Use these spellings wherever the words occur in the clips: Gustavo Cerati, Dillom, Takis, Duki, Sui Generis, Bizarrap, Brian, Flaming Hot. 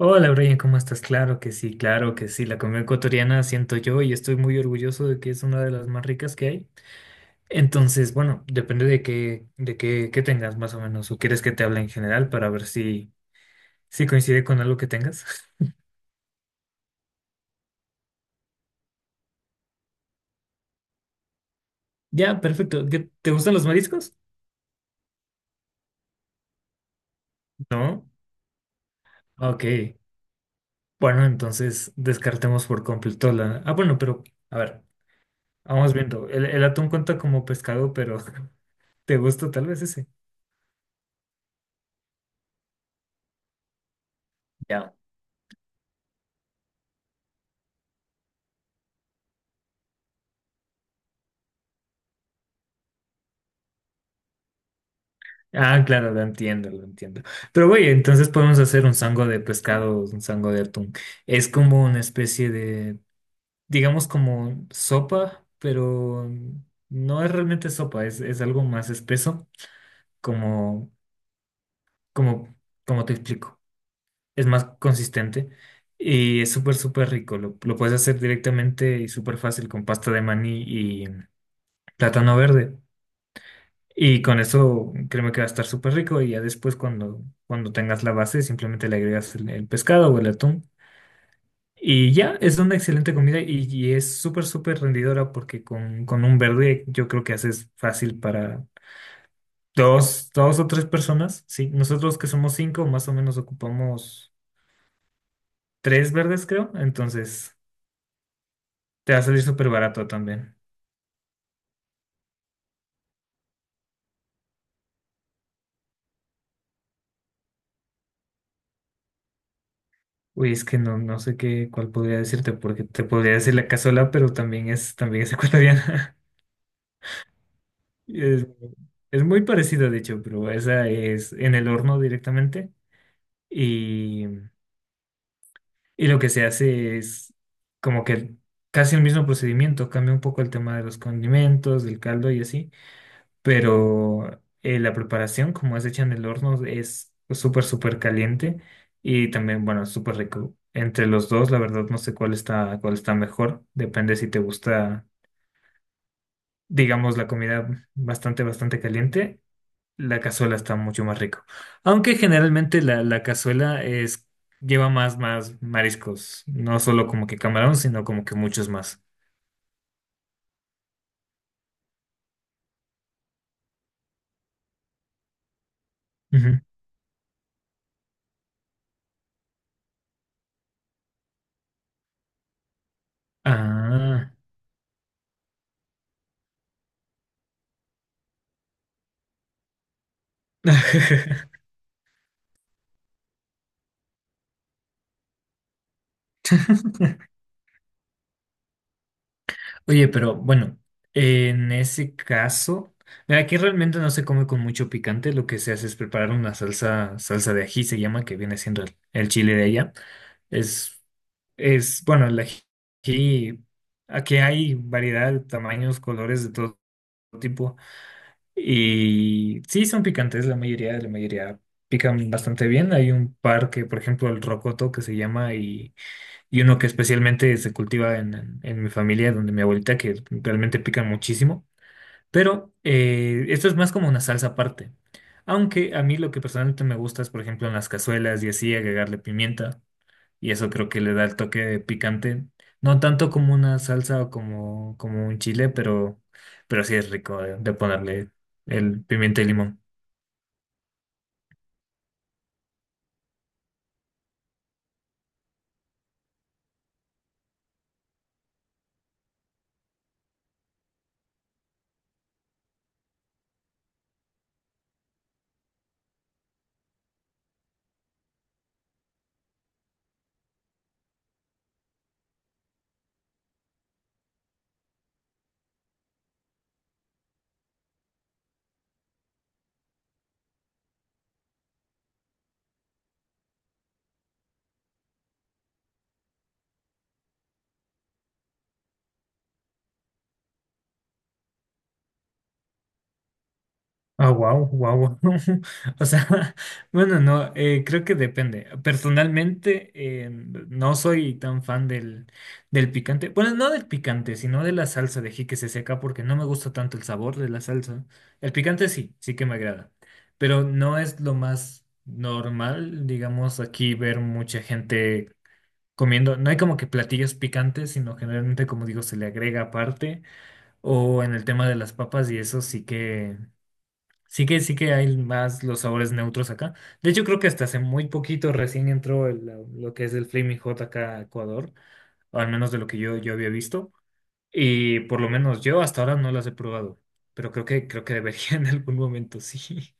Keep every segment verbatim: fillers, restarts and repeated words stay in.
Hola, Brian, ¿cómo estás? Claro que sí, claro que sí. La comida ecuatoriana siento yo y estoy muy orgulloso de que es una de las más ricas que hay. Entonces, bueno, depende de qué, de qué, qué tengas más o menos, o quieres que te hable en general para ver si, si coincide con algo que tengas. Ya, perfecto. ¿Qué- ¿Te gustan los mariscos? No. Ok. Bueno, entonces descartemos por completo la. Ah, bueno, pero a ver, vamos viendo. El, el atún cuenta como pescado, pero ¿te gusta tal vez ese? Ya. Ah, claro, lo entiendo, lo entiendo. Pero güey, entonces podemos hacer un sango de pescado, un sango de atún. Es como una especie de, digamos como sopa, pero no es realmente sopa, es, es algo más espeso, como, como, como te explico. Es más consistente y es súper, súper rico. Lo, lo puedes hacer directamente y súper fácil con pasta de maní y plátano verde. Y con eso créeme que va a estar súper rico y ya después cuando, cuando tengas la base simplemente le agregas el, el pescado o el atún. Y ya, es una excelente comida y, y es súper, súper rendidora porque con, con un verde yo creo que haces fácil para dos, dos o tres personas. Sí, nosotros que somos cinco más o menos ocupamos tres verdes creo, entonces te va a salir súper barato también. Uy, es que no, no sé qué, cuál podría decirte porque te podría decir la cazuela, pero también es, también es ecuatoriana. Es, es muy parecido, de hecho, pero esa es en el horno directamente. Y, y lo que se hace es como que casi el mismo procedimiento, cambia un poco el tema de los condimentos, del caldo y así, pero eh, la preparación, como es hecha en el horno, es súper, súper caliente y también, bueno, es súper rico. Entre los dos, la verdad, no sé cuál está, cuál está mejor. Depende si te gusta, digamos, la comida bastante, bastante caliente. La cazuela está mucho más rico. Aunque generalmente la, la cazuela es, lleva más, más mariscos. No solo como que camarón, sino como que muchos más. Ujú. Ah. Oye, pero bueno, en ese caso, mira, aquí realmente no se come con mucho picante. Lo que se hace es preparar una salsa, salsa de ají, se llama, que viene siendo el, el chile de allá. Es, es, bueno, el ají, aquí hay variedad, tamaños, colores de todo tipo. Y sí, son picantes, la mayoría, la mayoría pican bastante bien. Hay un par que, por ejemplo, el rocoto que se llama y, y uno que especialmente se cultiva en, en- en mi familia, donde mi abuelita, que realmente pican muchísimo. Pero eh, esto es más como una salsa aparte. Aunque a mí lo que personalmente me gusta es, por ejemplo, en las cazuelas y así agregarle pimienta y eso creo que le da el toque de picante. No tanto como una salsa o como, como un chile, pero, pero sí es rico de, de ponerle el pimiento y limón. Ah, wow, wow. O sea, bueno, no, eh, creo que depende. Personalmente, eh, no soy tan fan del, del picante. Bueno, no del picante, sino de la salsa de jique se seca, porque no me gusta tanto el sabor de la salsa. El picante sí, sí que me agrada. Pero no es lo más normal, digamos, aquí ver mucha gente comiendo. No hay como que platillos picantes, sino generalmente, como digo, se le agrega aparte. O en el tema de las papas, y eso sí que. Sí que sí que hay más los sabores neutros acá. De hecho, creo que hasta hace muy poquito recién entró el, la- lo que es el Flaming Hot acá a Ecuador, o al menos de lo que yo, yo había visto. Y por lo menos yo hasta ahora no las he probado, pero creo que, creo que debería en algún momento, sí.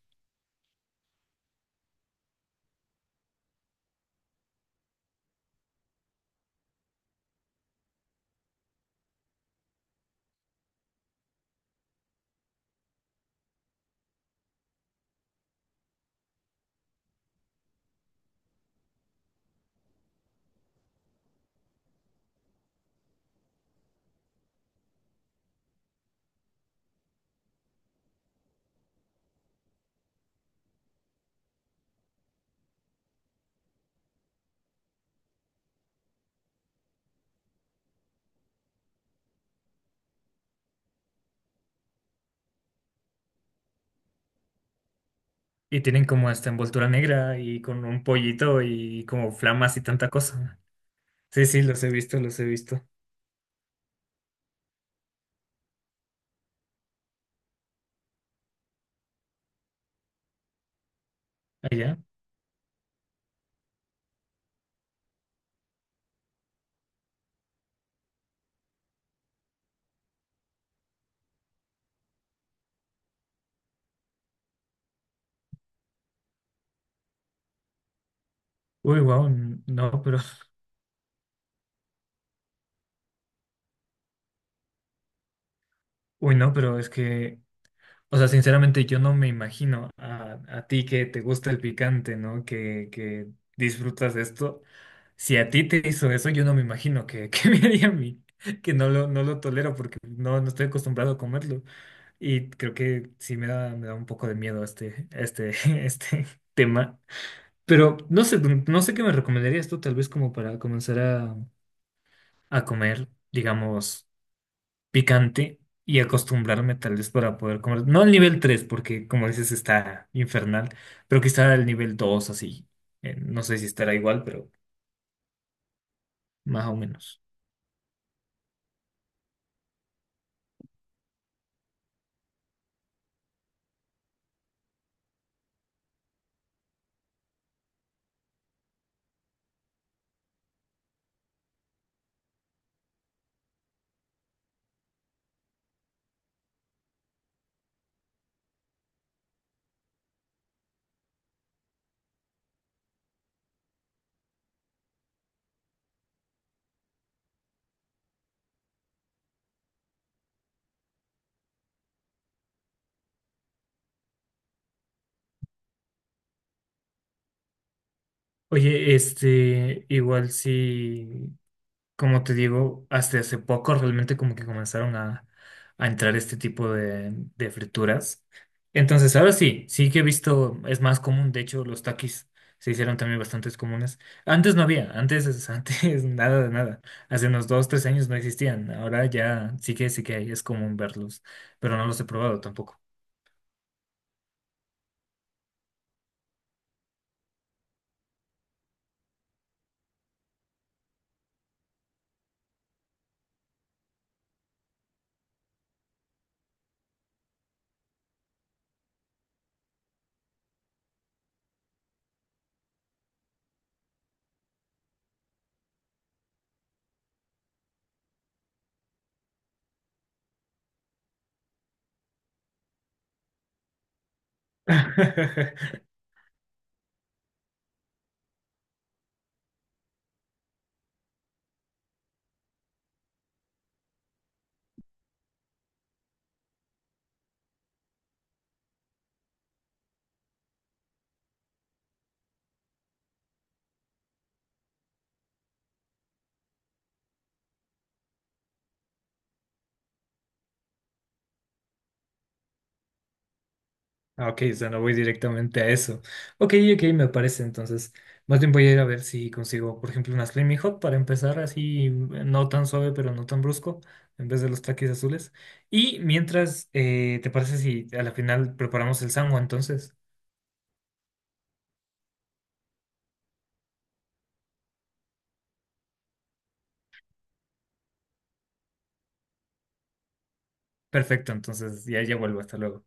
Y tienen como esta envoltura negra y con un pollito y como flamas y tanta cosa. Sí, sí, los he visto, los he visto. Allá. Uy, wow, no, pero... Uy, no, pero es que... O sea, sinceramente yo no me imagino a, a ti que te gusta el picante, ¿no? Que, que disfrutas de esto. Si a ti te hizo eso, yo no me imagino que, que me haría a mí, que no lo, no lo tolero porque no, no estoy acostumbrado a comerlo. Y creo que sí me da, me da un poco de miedo este, este, este tema. Pero no sé, no sé qué me recomendarías tú, tal vez como para comenzar a, a comer, digamos picante y acostumbrarme tal vez para poder comer. No al nivel tres porque como dices está infernal, pero quizá al nivel dos así. Eh, no sé si estará igual, pero más o menos. Oye, este, igual sí. Como te digo, hasta hace poco realmente como que comenzaron a, a entrar este tipo de, de frituras. Entonces, ahora sí, sí que he visto, es más común, de hecho, los takis se hicieron también bastantes comunes. Antes no había, antes, es- antes nada de nada. Hace unos dos, tres años no existían. Ahora ya sí que sí que hay, es común verlos, pero no los he probado tampoco. Ah, ok, o sea, no voy directamente a eso. Ok, ok, me parece. Entonces, más bien voy a ir a ver si consigo, por ejemplo, una Flaming Hot para empezar así, no tan suave, pero no tan brusco, en vez de los taquis azules. Y mientras, eh, ¿te parece si a la final preparamos el sango entonces? Perfecto, entonces ya, ya vuelvo, hasta luego.